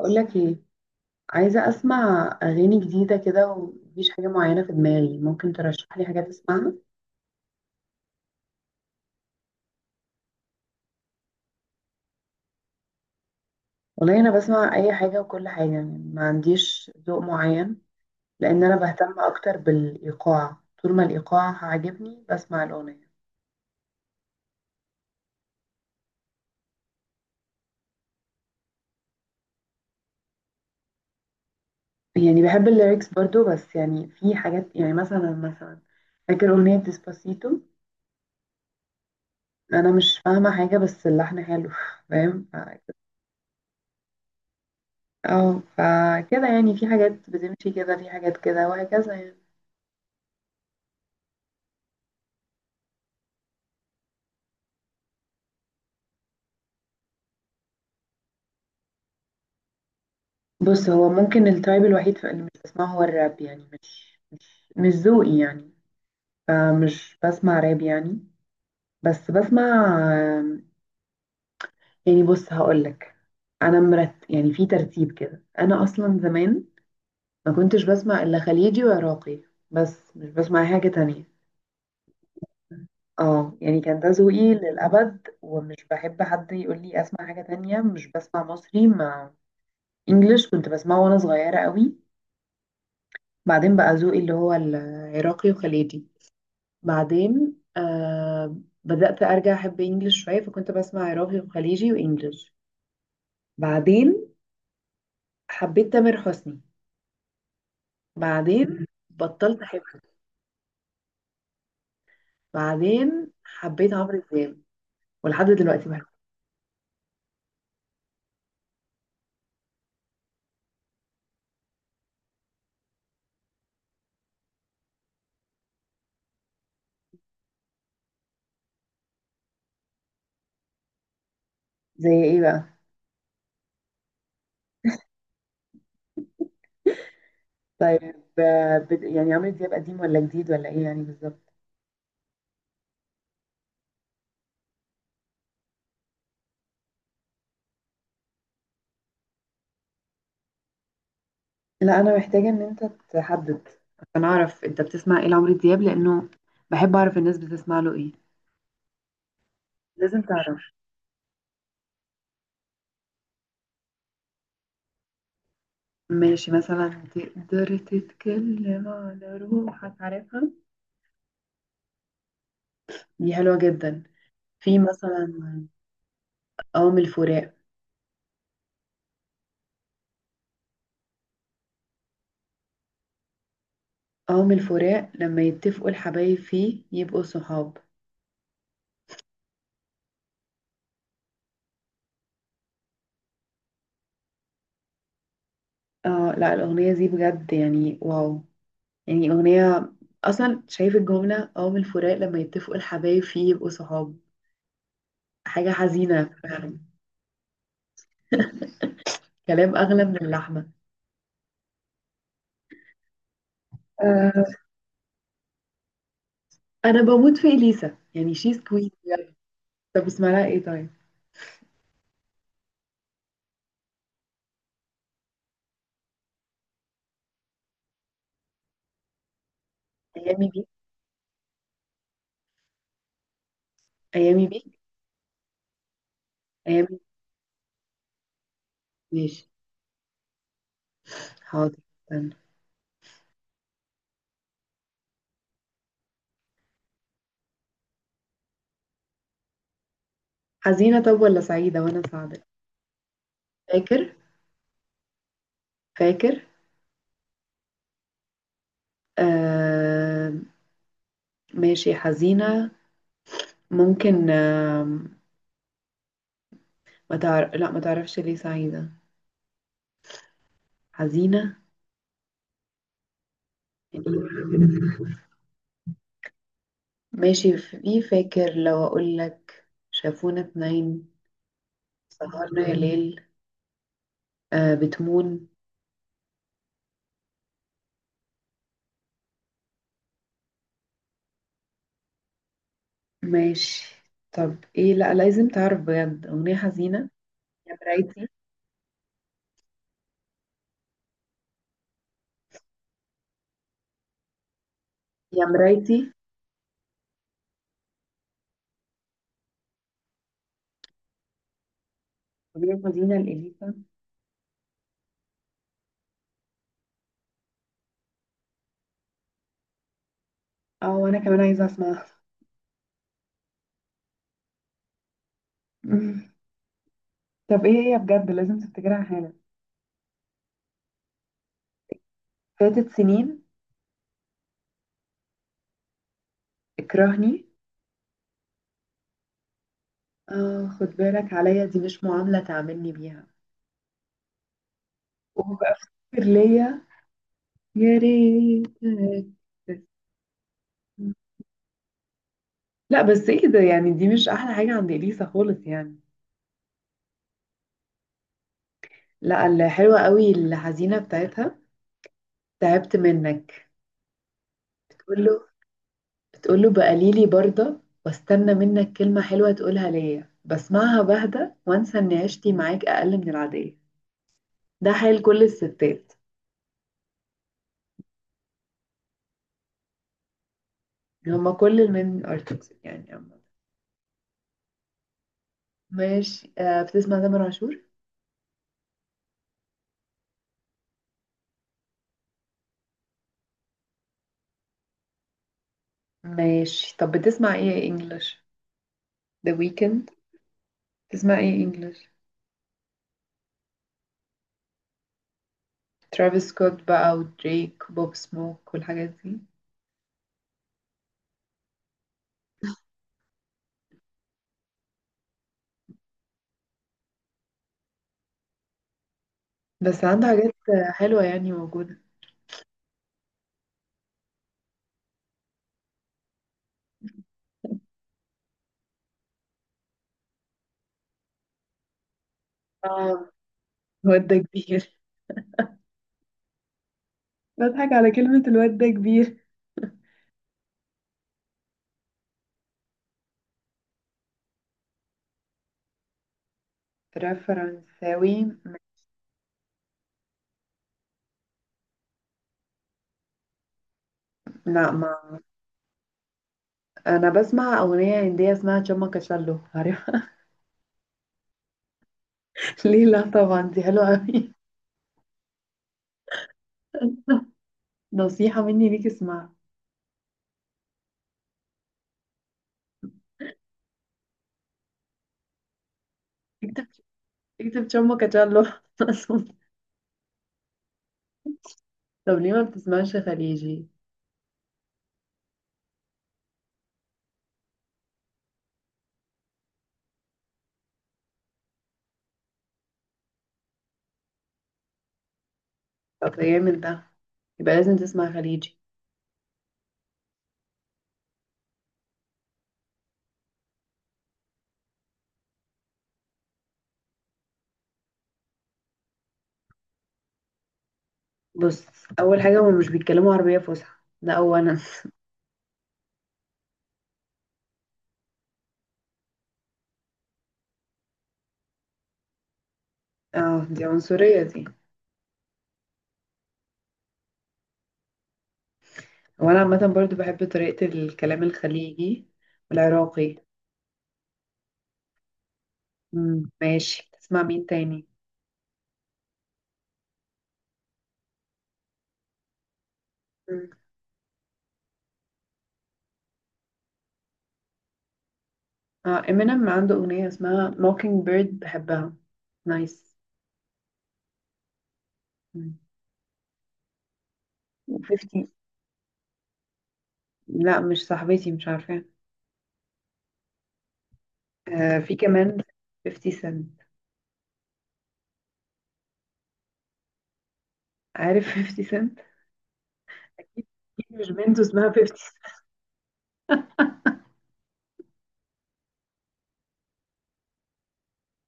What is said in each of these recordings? اقول لك ايه؟ عايزه اسمع اغاني جديده كده ومفيش حاجه معينه في دماغي. ممكن ترشح لي حاجات اسمعها؟ والله انا بسمع اي حاجه وكل حاجه، يعني ما عنديش ذوق معين، لان انا بهتم اكتر بالايقاع. طول ما الايقاع عاجبني بسمع الاغنيه. يعني بحب الليركس برضو، بس يعني في حاجات، يعني مثلا فاكر اغنيه ديسباسيتو؟ انا مش فاهمه حاجه بس اللحن حلو، فاهم؟ اه فكده يعني في حاجات بتمشي كده، في حاجات كده، وهكذا يعني. بص، هو ممكن التايب الوحيد في اللي مش بسمعه هو الراب. يعني مش ذوقي يعني، فمش بسمع راب يعني. بس بسمع آم، يعني بص هقولك، انا مرت يعني في ترتيب كده، انا اصلا زمان ما كنتش بسمع الا خليجي وعراقي، بس مش بسمع أي حاجة تانية. اه يعني كان ده ذوقي للأبد، ومش بحب حد يقول لي اسمع حاجة تانية. مش بسمع مصري مع انجلش كنت بسمعه وانا صغيرة قوي. بعدين بقى ذوقي اللي هو العراقي وخليجي. بعدين آه، بدأت أرجع أحب إنجلش شوية، فكنت بسمع عراقي وخليجي وإنجلش. بعدين حبيت تامر حسني، بعدين بطلت أحبه. بعدين حبيت عمرو دياب، ولحد دلوقتي بحبه. زي ايه بقى؟ طيب آه، يعني عمرو دياب قديم ولا جديد ولا ايه يعني بالظبط؟ لا، أنا محتاجة إن أنت تحدد عشان أعرف أنت بتسمع إيه لعمرو دياب، لأنه بحب أعرف الناس بتسمع له إيه. لازم تعرف. ماشي، مثلا تقدر تتكلم على روحك؟ عارفها؟ دي حلوة جدا. في مثلا قوم الفراق. قوم الفراق لما يتفقوا الحبايب فيه يبقوا صحاب. اه لا، الأغنية دي بجد يعني واو، يعني أغنية. أصلا شايف الجملة: قوم الفراق لما يتفقوا الحبايب فيه يبقوا صحاب، حاجة حزينة فعلا. كلام أغلى من اللحمة. آه. أنا بموت في إليسا، يعني شيز كوين بجد. طب اسمها لها إيه طيب؟ أيامي بيك، أيامي بيك، أيامي بيك. ماشي. حاضر. استنى. حزينة طب ولا سعيدة وأنا أساعدك؟ فاكر؟ فاكر؟ آه، ماشي حزينة. ممكن. آه، ما تعرف؟ لا ما تعرفش ليه سعيدة؟ حزينة. ماشي، في فاكر لو أقول لك شافونا اتنين؟ سهرنا يا ليل؟ آه بتمون. ماشي طب ايه، لا لازم تعرف بجد أغنية حزينة. يا مرايتي، يا مرايتي. أغنية حزينة لإليسا. اه وأنا كمان عايزة أسمعها. طب ايه هي، بجد لازم تفتكرها حالا. فاتت سنين. اكرهني. اه خد بالك عليا، دي مش معاملة تعاملني بيها. وبقى افتكر ليا. يا ريتك. لا بس ايه ده يعني؟ دي مش احلى حاجة عند اليسا خالص يعني. لا، الحلوة قوي الحزينة بتاعتها. تعبت منك. بتقول له بتقول له بقليلي برضه، واستنى منك كلمة حلوة تقولها ليا، بسمعها بهدى وانسى ان عشتي معاك اقل من العادية. ده حال كل الستات. هما كل المين ارتكس يعني عامة. ماشي. آه بتسمع تامر عاشور؟ ماشي طب بتسمع ايه انجلش؟ ذا ويكند؟ بتسمع ايه انجلش؟ ترافيس سكوت بقى، ودريك، وبوب سموك، والحاجات دي؟ بس عنده حاجات آه، حلوة يعني موجودة. اه الواد ده كبير. بضحك على كلمة الواد ده كبير. راب فرنساوي؟ لا ما. انا بسمع اغنية هندية اسمها تشاما كاشالو، عارفها؟ ليه لا طبعا؟ دي حلوة قوي، نصيحة مني ليك اسمعها. اكتب شامبو كاتشالو. طب ليه ما بتسمعش خليجي؟ طب يا من ده، يبقى لازم تسمع خليجي. بص، اول حاجه هما مش بيتكلموا عربيه فصحى، ده اولا. اه دي عنصريه دي. وانا عامه برضو بحب طريقه الكلام الخليجي والعراقي. مم. ماشي، تسمع مين تاني؟ مم. اه امينيم عنده اغنيه اسمها موكينج بيرد بحبها. نايس. مم. 50؟ لا مش صاحبتي مش عارفه. آه في كمان 50 سنت. عارف 50 سنت؟ أكيد مش بنت اسمها 50 سنت.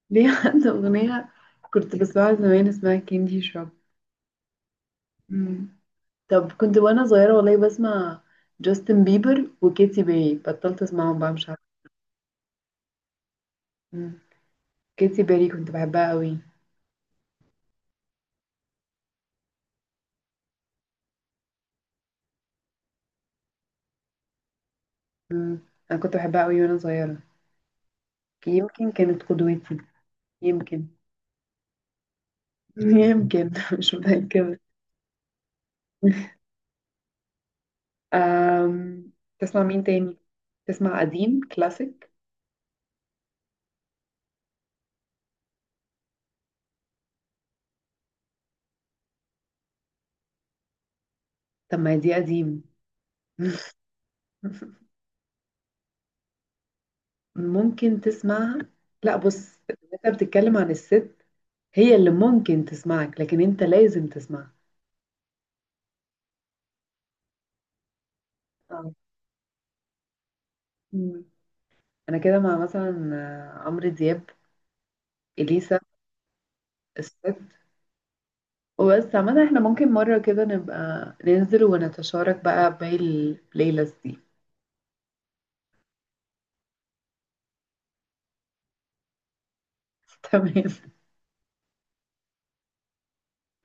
ليه؟ عنده أغنية كنت بسمعها زمان اسمها كاندي شوب. مم. طب كنت وأنا صغيرة والله بسمع جاستن بيبر وكيتي بيري، بطلت أسمعهم بقى مش عارفة. مم. كيتي بيري كنت بحبها قوي. مم. أنا كنت بحبها قوي وأنا صغيرة. يمكن كانت قدوتي. يمكن. يمكن مش متأكدة. أم... تسمع مين تاني؟ تسمع قديم كلاسيك؟ طب ما دي قديم. ممكن تسمعها. لا بص، انت بتتكلم عن الست. هي اللي ممكن تسمعك، لكن انت لازم تسمعها. اه. مم. انا كده مع مثلا آه، عمرو دياب، اليسا، الست. وبس عامة احنا ممكن مرة كده نبقى ننزل ونتشارك بقى باقي البلاي ليست دي. تمام.